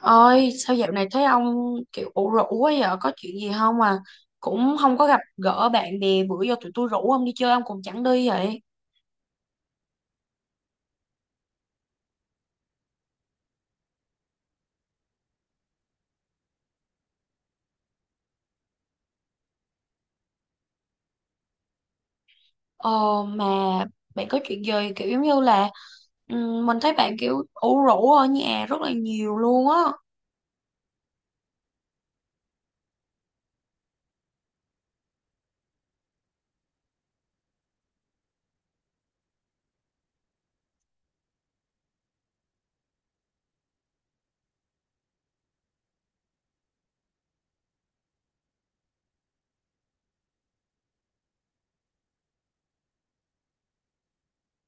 Ơi, sao dạo này thấy ông kiểu ủ rũ quá vậy? Có chuyện gì không à? Cũng không có gặp gỡ bạn bè, bữa giờ tụi tôi rủ ông đi chơi ông cũng chẳng đi vậy. Ờ mà bạn có chuyện gì kiểu giống như là mình thấy bạn kiểu ủ rũ ở nhà rất là nhiều luôn á.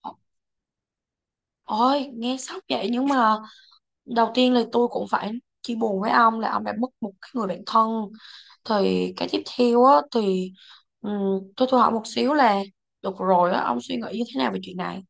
Ờ, ôi, nghe sốc vậy nhưng mà đầu tiên là tôi cũng phải chia buồn với ông là ông đã mất một cái người bạn thân. Thì cái tiếp theo á thì tôi hỏi một xíu là được rồi á, ông suy nghĩ như thế nào về chuyện này?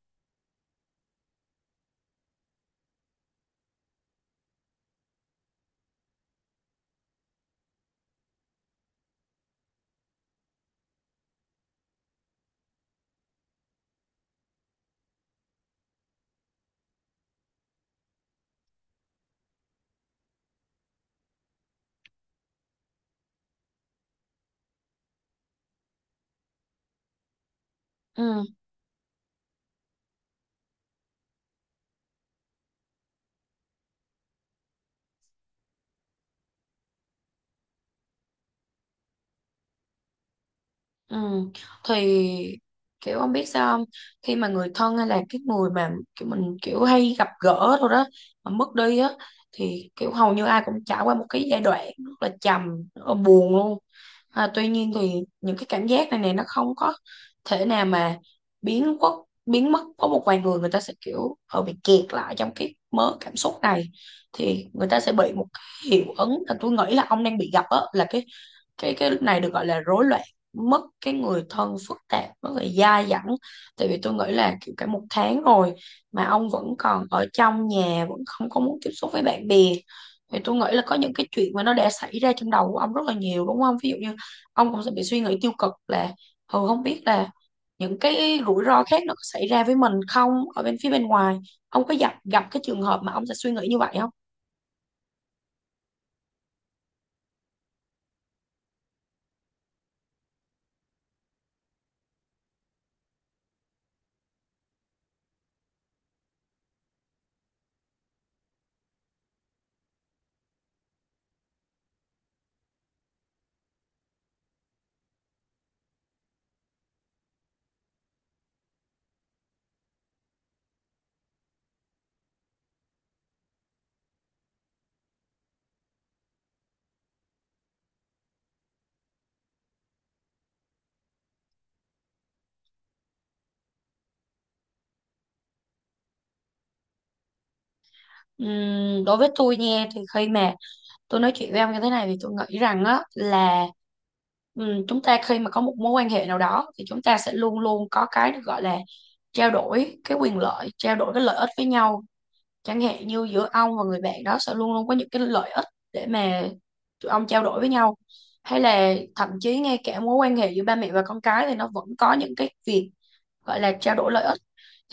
Ừ. Ừ. Thì kiểu ông biết sao không, khi mà người thân hay là cái người mà kiểu mình kiểu hay gặp gỡ thôi đó mà mất đi á, thì kiểu hầu như ai cũng trải qua một cái giai đoạn rất là trầm, rất là buồn luôn. À, tuy nhiên thì những cái cảm giác này này nó không có thể nào mà biến quốc biến mất, có một vài người người ta sẽ kiểu họ bị kẹt lại trong cái mớ cảm xúc này, thì người ta sẽ bị một cái hiệu ứng là tôi nghĩ là ông đang bị gặp á, là cái này được gọi là rối loạn mất cái người thân phức tạp, nó bị dai dẳng. Tại vì tôi nghĩ là kiểu cả một tháng rồi mà ông vẫn còn ở trong nhà, vẫn không có muốn tiếp xúc với bạn bè, thì tôi nghĩ là có những cái chuyện mà nó đã xảy ra trong đầu của ông rất là nhiều, đúng không? Ví dụ như ông cũng sẽ bị suy nghĩ tiêu cực là ừ không biết là những cái rủi ro khác nó có xảy ra với mình không ở bên phía bên ngoài. Ông có gặp gặp cái trường hợp mà ông sẽ suy nghĩ như vậy không? Đối với tôi nha, thì khi mà tôi nói chuyện với ông như thế này thì tôi nghĩ rằng á là, chúng ta khi mà có một mối quan hệ nào đó thì chúng ta sẽ luôn luôn có cái được gọi là trao đổi cái quyền lợi, trao đổi cái lợi ích với nhau. Chẳng hạn như giữa ông và người bạn đó sẽ luôn luôn có những cái lợi ích để mà tụi ông trao đổi với nhau, hay là thậm chí ngay cả mối quan hệ giữa ba mẹ và con cái thì nó vẫn có những cái việc gọi là trao đổi lợi ích.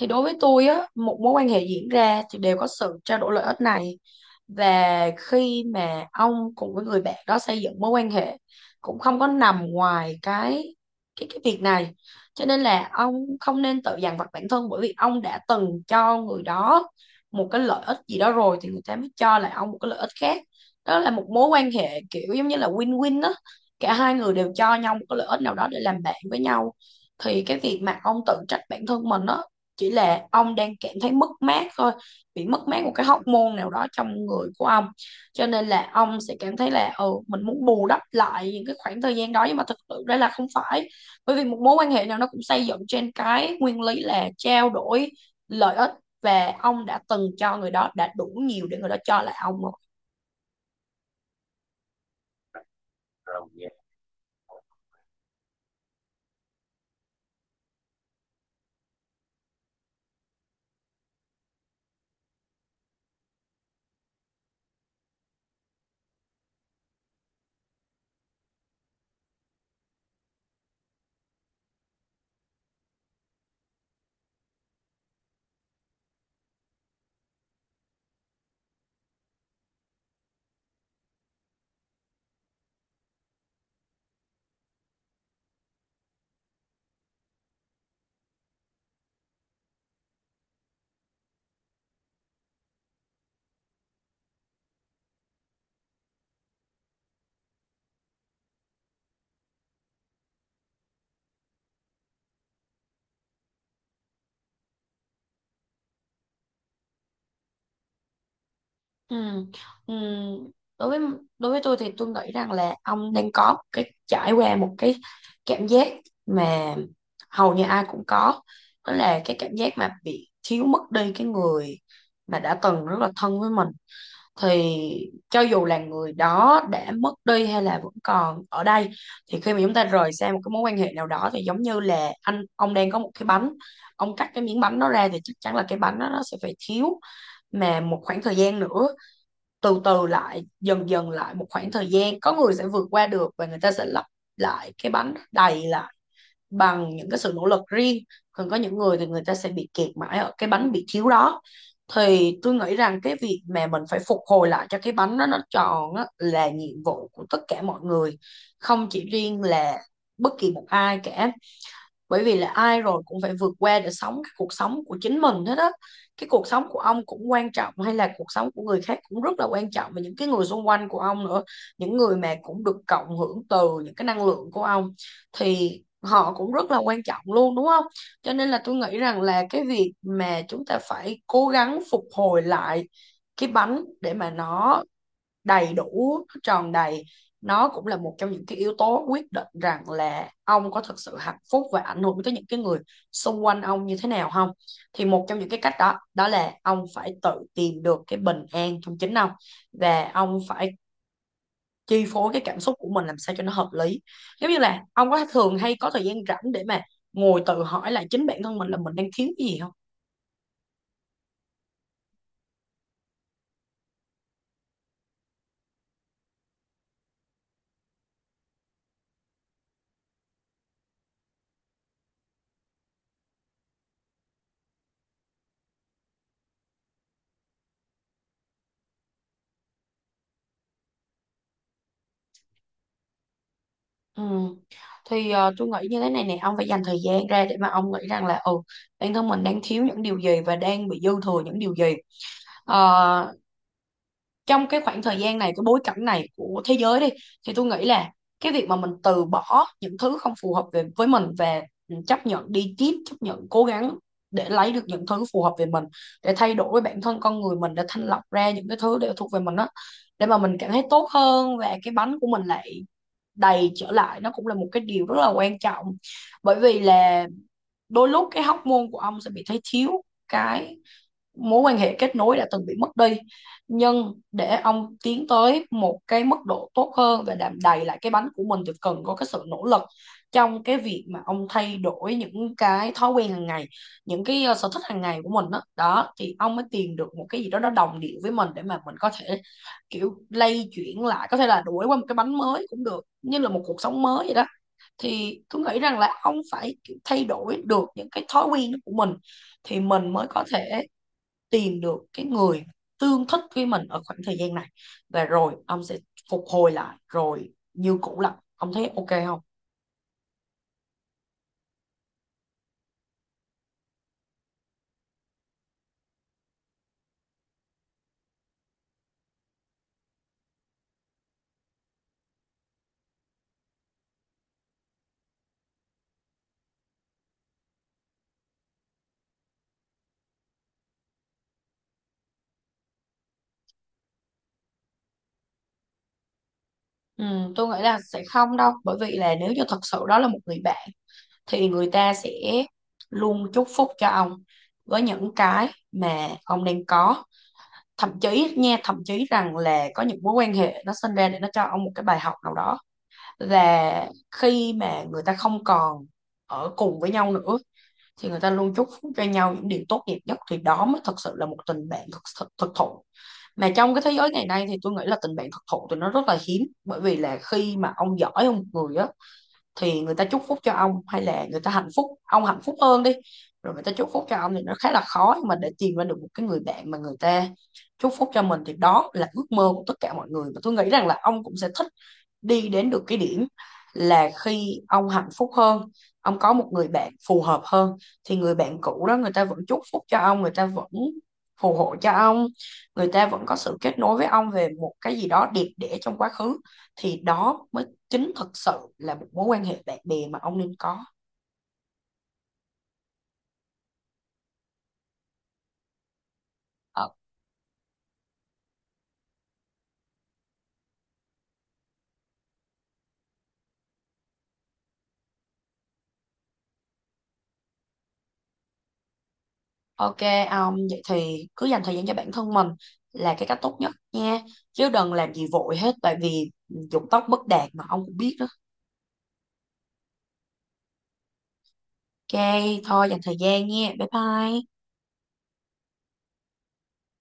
Thì đối với tôi á, một mối quan hệ diễn ra thì đều có sự trao đổi lợi ích này, và khi mà ông cùng với người bạn đó xây dựng mối quan hệ cũng không có nằm ngoài cái việc này, cho nên là ông không nên tự dằn vặt bản thân, bởi vì ông đã từng cho người đó một cái lợi ích gì đó rồi thì người ta mới cho lại ông một cái lợi ích khác. Đó là một mối quan hệ kiểu giống như là win-win đó, cả hai người đều cho nhau một cái lợi ích nào đó để làm bạn với nhau. Thì cái việc mà ông tự trách bản thân mình đó chỉ là ông đang cảm thấy mất mát thôi, bị mất mát một cái hormone nào đó trong người của ông, cho nên là ông sẽ cảm thấy là ừ mình muốn bù đắp lại những cái khoảng thời gian đó, nhưng mà thực sự đây là không phải, bởi vì một mối quan hệ nào nó cũng xây dựng trên cái nguyên lý là trao đổi lợi ích, và ông đã từng cho người đó đã đủ nhiều để người đó cho lại ông rồi. Ừ. Ừ. Đối với Đối với tôi thì tôi nghĩ rằng là ông đang có một cái trải qua một cái cảm giác mà hầu như ai cũng có, đó là cái cảm giác mà bị thiếu mất đi cái người mà đã từng rất là thân với mình. Thì cho dù là người đó đã mất đi hay là vẫn còn ở đây, thì khi mà chúng ta rời xa một cái mối quan hệ nào đó thì giống như là anh ông đang có một cái bánh, ông cắt cái miếng bánh đó ra thì chắc chắn là cái bánh đó nó sẽ phải thiếu. Mà một khoảng thời gian nữa, từ từ lại dần dần lại một khoảng thời gian, có người sẽ vượt qua được và người ta sẽ lấp lại cái bánh đầy lại bằng những cái sự nỗ lực riêng, còn có những người thì người ta sẽ bị kẹt mãi ở cái bánh bị thiếu đó. Thì tôi nghĩ rằng cái việc mà mình phải phục hồi lại cho cái bánh đó nó tròn á, là nhiệm vụ của tất cả mọi người, không chỉ riêng là bất kỳ một ai cả, bởi vì là ai rồi cũng phải vượt qua để sống cái cuộc sống của chính mình hết á. Cái cuộc sống của ông cũng quan trọng, hay là cuộc sống của người khác cũng rất là quan trọng, và những cái người xung quanh của ông nữa, những người mà cũng được cộng hưởng từ những cái năng lượng của ông thì họ cũng rất là quan trọng luôn, đúng không? Cho nên là tôi nghĩ rằng là cái việc mà chúng ta phải cố gắng phục hồi lại cái bánh để mà nó đầy đủ, nó tròn đầy, nó cũng là một trong những cái yếu tố quyết định rằng là ông có thực sự hạnh phúc và ảnh hưởng tới những cái người xung quanh ông như thế nào không. Thì một trong những cái cách đó đó là ông phải tự tìm được cái bình an trong chính ông, và ông phải chi phối cái cảm xúc của mình làm sao cho nó hợp lý. Giống như là ông có thường hay có thời gian rảnh để mà ngồi tự hỏi lại chính bản thân mình là mình đang thiếu cái gì không? Ừ. Thì tôi nghĩ như thế này nè, ông phải dành thời gian ra để mà ông nghĩ rằng là ừ, bản thân mình đang thiếu những điều gì và đang bị dư thừa những điều gì. Ờ, trong cái khoảng thời gian này, cái bối cảnh này của thế giới đi, thì tôi nghĩ là cái việc mà mình từ bỏ những thứ không phù hợp về với mình và ừ, chấp nhận đi tiếp, chấp nhận cố gắng để lấy được những thứ phù hợp về mình, để thay đổi bản thân con người mình, để thanh lọc ra những cái thứ để thuộc về mình đó, để mà mình cảm thấy tốt hơn và cái bánh của mình lại đầy trở lại, nó cũng là một cái điều rất là quan trọng. Bởi vì là đôi lúc cái hormone của ông sẽ bị thấy thiếu cái mối quan hệ kết nối đã từng bị mất đi, nhưng để ông tiến tới một cái mức độ tốt hơn và đạm đầy lại cái bánh của mình thì cần có cái sự nỗ lực trong cái việc mà ông thay đổi những cái thói quen hàng ngày, những cái sở thích hàng ngày của mình đó, đó thì ông mới tìm được một cái gì đó nó đồng điệu với mình để mà mình có thể kiểu lay chuyển lại, có thể là đuổi qua một cái bánh mới cũng được, như là một cuộc sống mới vậy đó. Thì tôi nghĩ rằng là ông phải thay đổi được những cái thói quen của mình thì mình mới có thể tìm được cái người tương thích với mình ở khoảng thời gian này, và rồi ông sẽ phục hồi lại rồi như cũ lại. Ông thấy ok không? Ừ, tôi nghĩ là sẽ không đâu, bởi vì là nếu như thật sự đó là một người bạn thì người ta sẽ luôn chúc phúc cho ông với những cái mà ông đang có. Thậm chí nha, thậm chí rằng là có những mối quan hệ nó sinh ra để nó cho ông một cái bài học nào đó, là khi mà người ta không còn ở cùng với nhau nữa thì người ta luôn chúc phúc cho nhau những điều tốt đẹp nhất, thì đó mới thật sự là một tình bạn thực thực, thụ. Mà trong cái thế giới ngày nay thì tôi nghĩ là tình bạn thực thụ thì nó rất là hiếm, bởi vì là khi mà ông giỏi ông người á thì người ta chúc phúc cho ông, hay là người ta hạnh phúc ông hạnh phúc hơn đi rồi người ta chúc phúc cho ông thì nó khá là khó. Nhưng mà để tìm ra được một cái người bạn mà người ta chúc phúc cho mình thì đó là ước mơ của tất cả mọi người, và tôi nghĩ rằng là ông cũng sẽ thích đi đến được cái điểm là khi ông hạnh phúc hơn, ông có một người bạn phù hợp hơn, thì người bạn cũ đó người ta vẫn chúc phúc cho ông, người ta vẫn phù hộ cho ông, người ta vẫn có sự kết nối với ông về một cái gì đó đẹp đẽ trong quá khứ. Thì đó mới chính thực sự là một mối quan hệ bạn bè mà ông nên có. Ờ, ok ông, vậy thì cứ dành thời gian cho bản thân mình là cái cách tốt nhất nha, chứ đừng làm gì vội hết, tại vì dục tốc bất đạt mà ông cũng biết đó. Ok, thôi dành thời gian nha. Bye bye.